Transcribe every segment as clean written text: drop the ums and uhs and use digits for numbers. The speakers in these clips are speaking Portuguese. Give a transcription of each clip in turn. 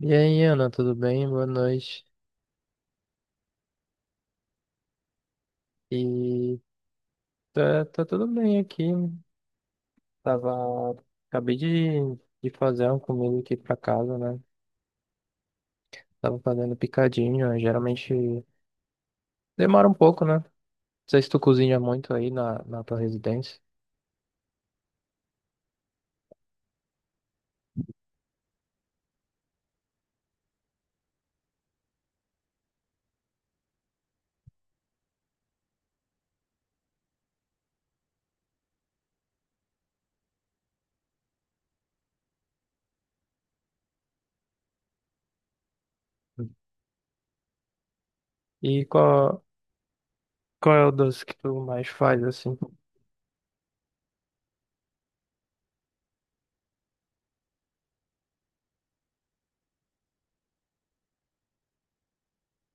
E aí, Ana, tudo bem? Boa noite. E tá, tá tudo bem aqui. Tava, acabei de, de fazer uma comida aqui pra casa, né? Tava fazendo picadinho, né? Geralmente demora um pouco, né? Não sei se tu cozinha muito na tua residência. E qual, qual é o doce que tu mais faz, assim?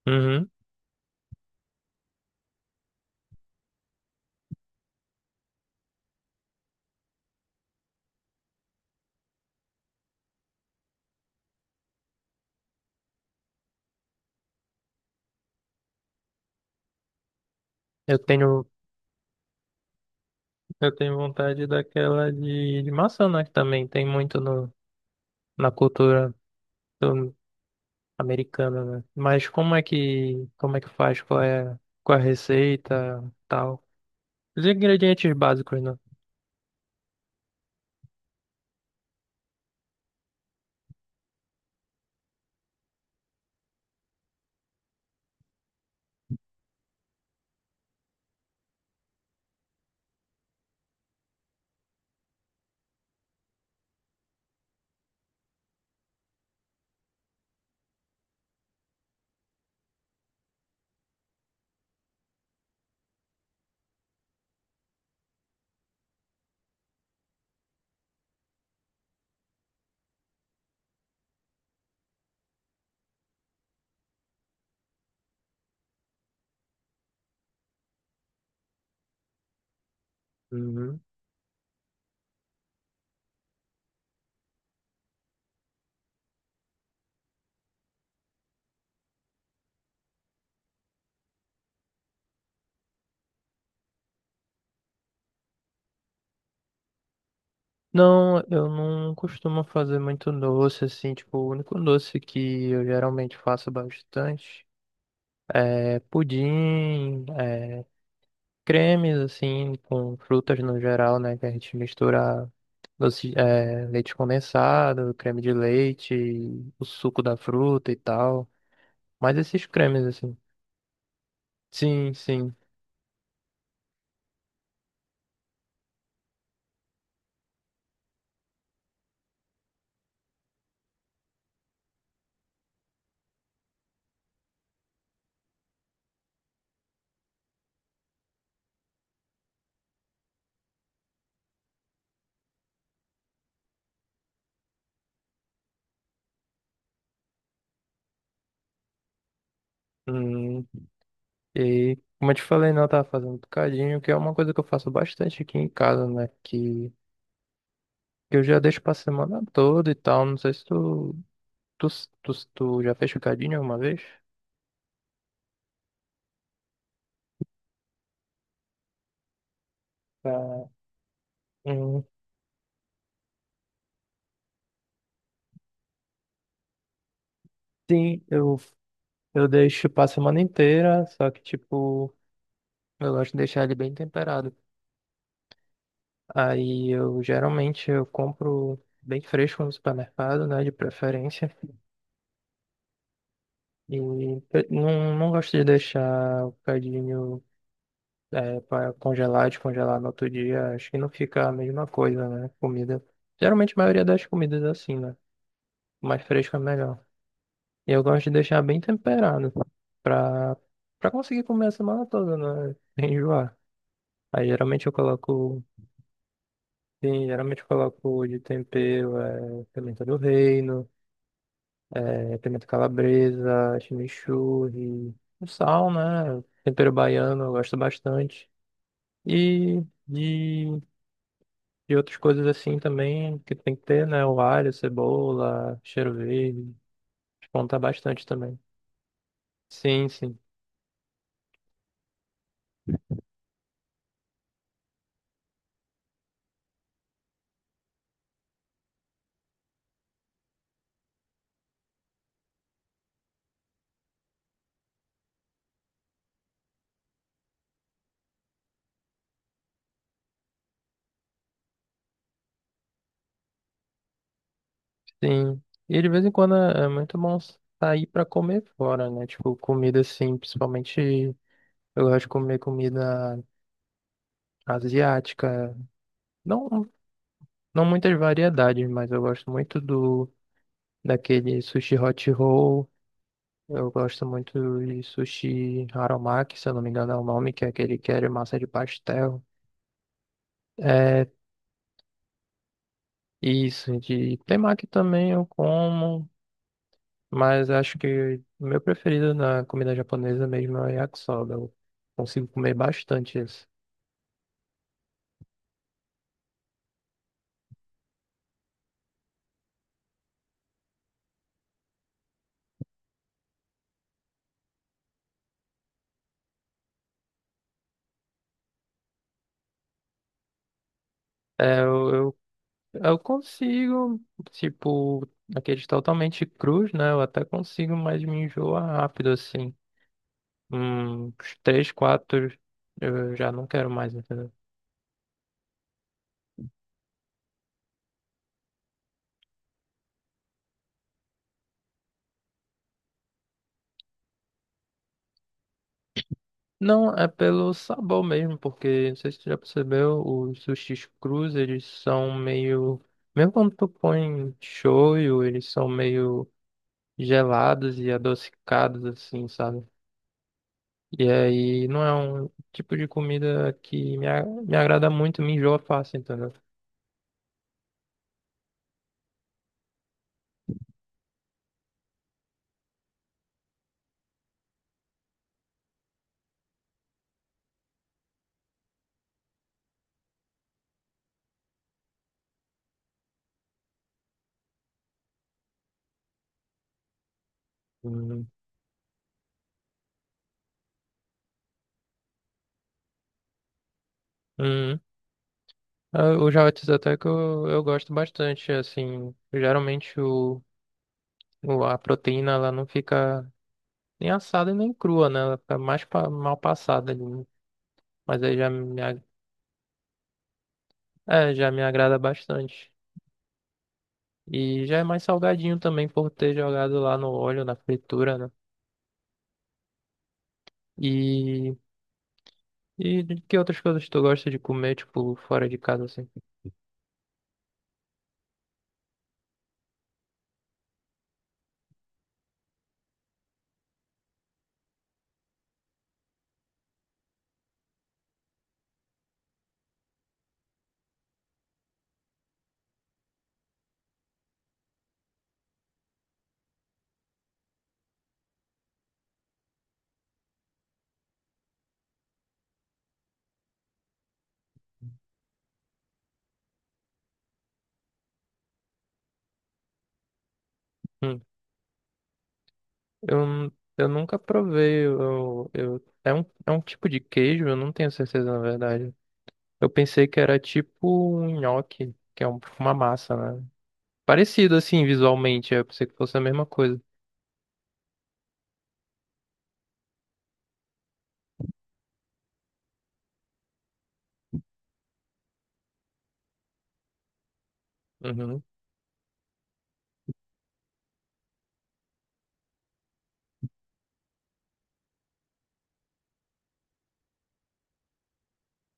Uhum. Eu tenho, eu tenho vontade daquela de maçã, né? Que também tem muito no, na cultura americana, né? Mas como é que faz? Qual é a receita, tal? Os ingredientes básicos, né? Uhum. Não, eu não costumo fazer muito doce, assim, tipo, o único doce que eu geralmente faço bastante é pudim, é cremes, assim, com frutas no geral, né, que a gente mistura doce, é, leite condensado, creme de leite, o suco da fruta e tal, mas esses cremes, assim. Sim, sim. Hum, e como eu te falei, não, eu tava fazendo um bocadinho, que é uma coisa que eu faço bastante aqui em casa, né? Que eu já deixo pra semana toda e tal. Não sei se tu, tu, tu, tu já fez bocadinho alguma vez? Tá. Hum, sim, eu deixo pra semana inteira, só que tipo, eu gosto de deixar ele bem temperado. Aí eu geralmente eu compro bem fresco no supermercado, né? De preferência. E eu não gosto de deixar o bocadinho. É, para congelar e descongelar no outro dia, acho que não fica a mesma coisa, né? Comida. Geralmente a maioria das comidas é assim, né? Mais fresca é melhor. E eu gosto de deixar bem temperado pra, pra conseguir comer a semana toda, né? Sem enjoar. Aí geralmente eu coloco. Sim, geralmente eu coloco de tempero é, pimenta do reino, é, pimenta calabresa, chimichurri, o sal, né? Tempero baiano eu gosto bastante. E de E outras coisas assim também que tem que ter, né? O alho, cebola, cheiro verde. Descontar bastante também. Sim, sim, sim. E de vez em quando é muito bom sair pra comer fora, né? Tipo, comida assim, principalmente eu gosto de comer comida asiática. Não, não muitas variedades, mas eu gosto muito do daquele sushi hot roll. Eu gosto muito de sushi haromaki, se eu não me engano é o nome, que é aquele que é de massa de pastel. é Isso, de temaki também eu como, mas acho que o meu preferido na comida japonesa mesmo é o yakisoba. Eu consigo comer bastante isso. É, eu consigo, tipo, aqueles totalmente crus, né? Eu até consigo, mas me enjoa rápido, assim. Uns três, quatro, eu já não quero mais, entendeu? Não, é pelo sabor mesmo, porque não sei se tu já percebeu, os sushis crus, eles são meio. Mesmo quando tu põe shoyu, eles são meio gelados e adocicados, assim, sabe? E aí não é um tipo de comida que me, me agrada muito, me enjoa fácil, entendeu? Hum. Hum. Ah, o javetes até que eu gosto bastante, assim. A proteína ela não fica. Nem assada e nem crua, né? Ela fica mais mal passada ali, né? Mas aí já me, é, já me agrada bastante. E já é mais salgadinho também por ter jogado lá no óleo, na fritura, né? E, e de que outras coisas tu gosta de comer, tipo, fora de casa, assim? Hum, eu nunca provei. É um tipo de queijo, eu não tenho certeza, na verdade. Eu pensei que era tipo um nhoque, que é uma massa, né? Parecido, assim, visualmente. Eu pensei que fosse a mesma coisa. Uhum.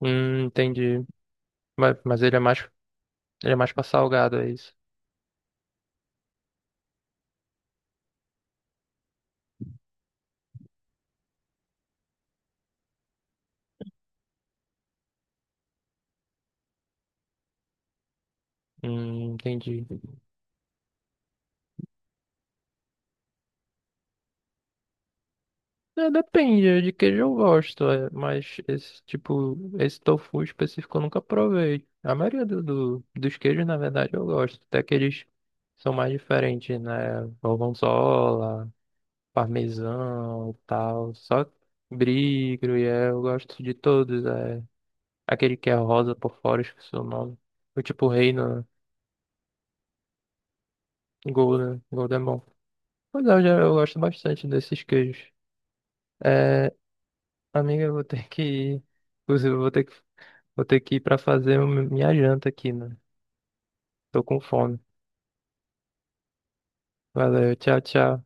Entendi. Mas ele é mais pra salgado, é isso? Entendi. É, depende de queijo eu gosto, é, mas esse tipo, esse tofu específico eu nunca provei. A maioria dos queijos, na verdade, eu gosto. Até que eles são mais diferentes, né? Gorgonzola, parmesão e tal. Só brie, gruyère, eu gosto de todos. É. Aquele que é rosa por fora, eu esqueci o nome. O tipo reino, golden, golden bom. Pois é, eu, já, eu gosto bastante desses queijos. É, amiga, eu vou ter que ir. Inclusive, eu vou ter que ir pra fazer minha janta aqui, né? Tô com fome. Valeu, tchau, tchau.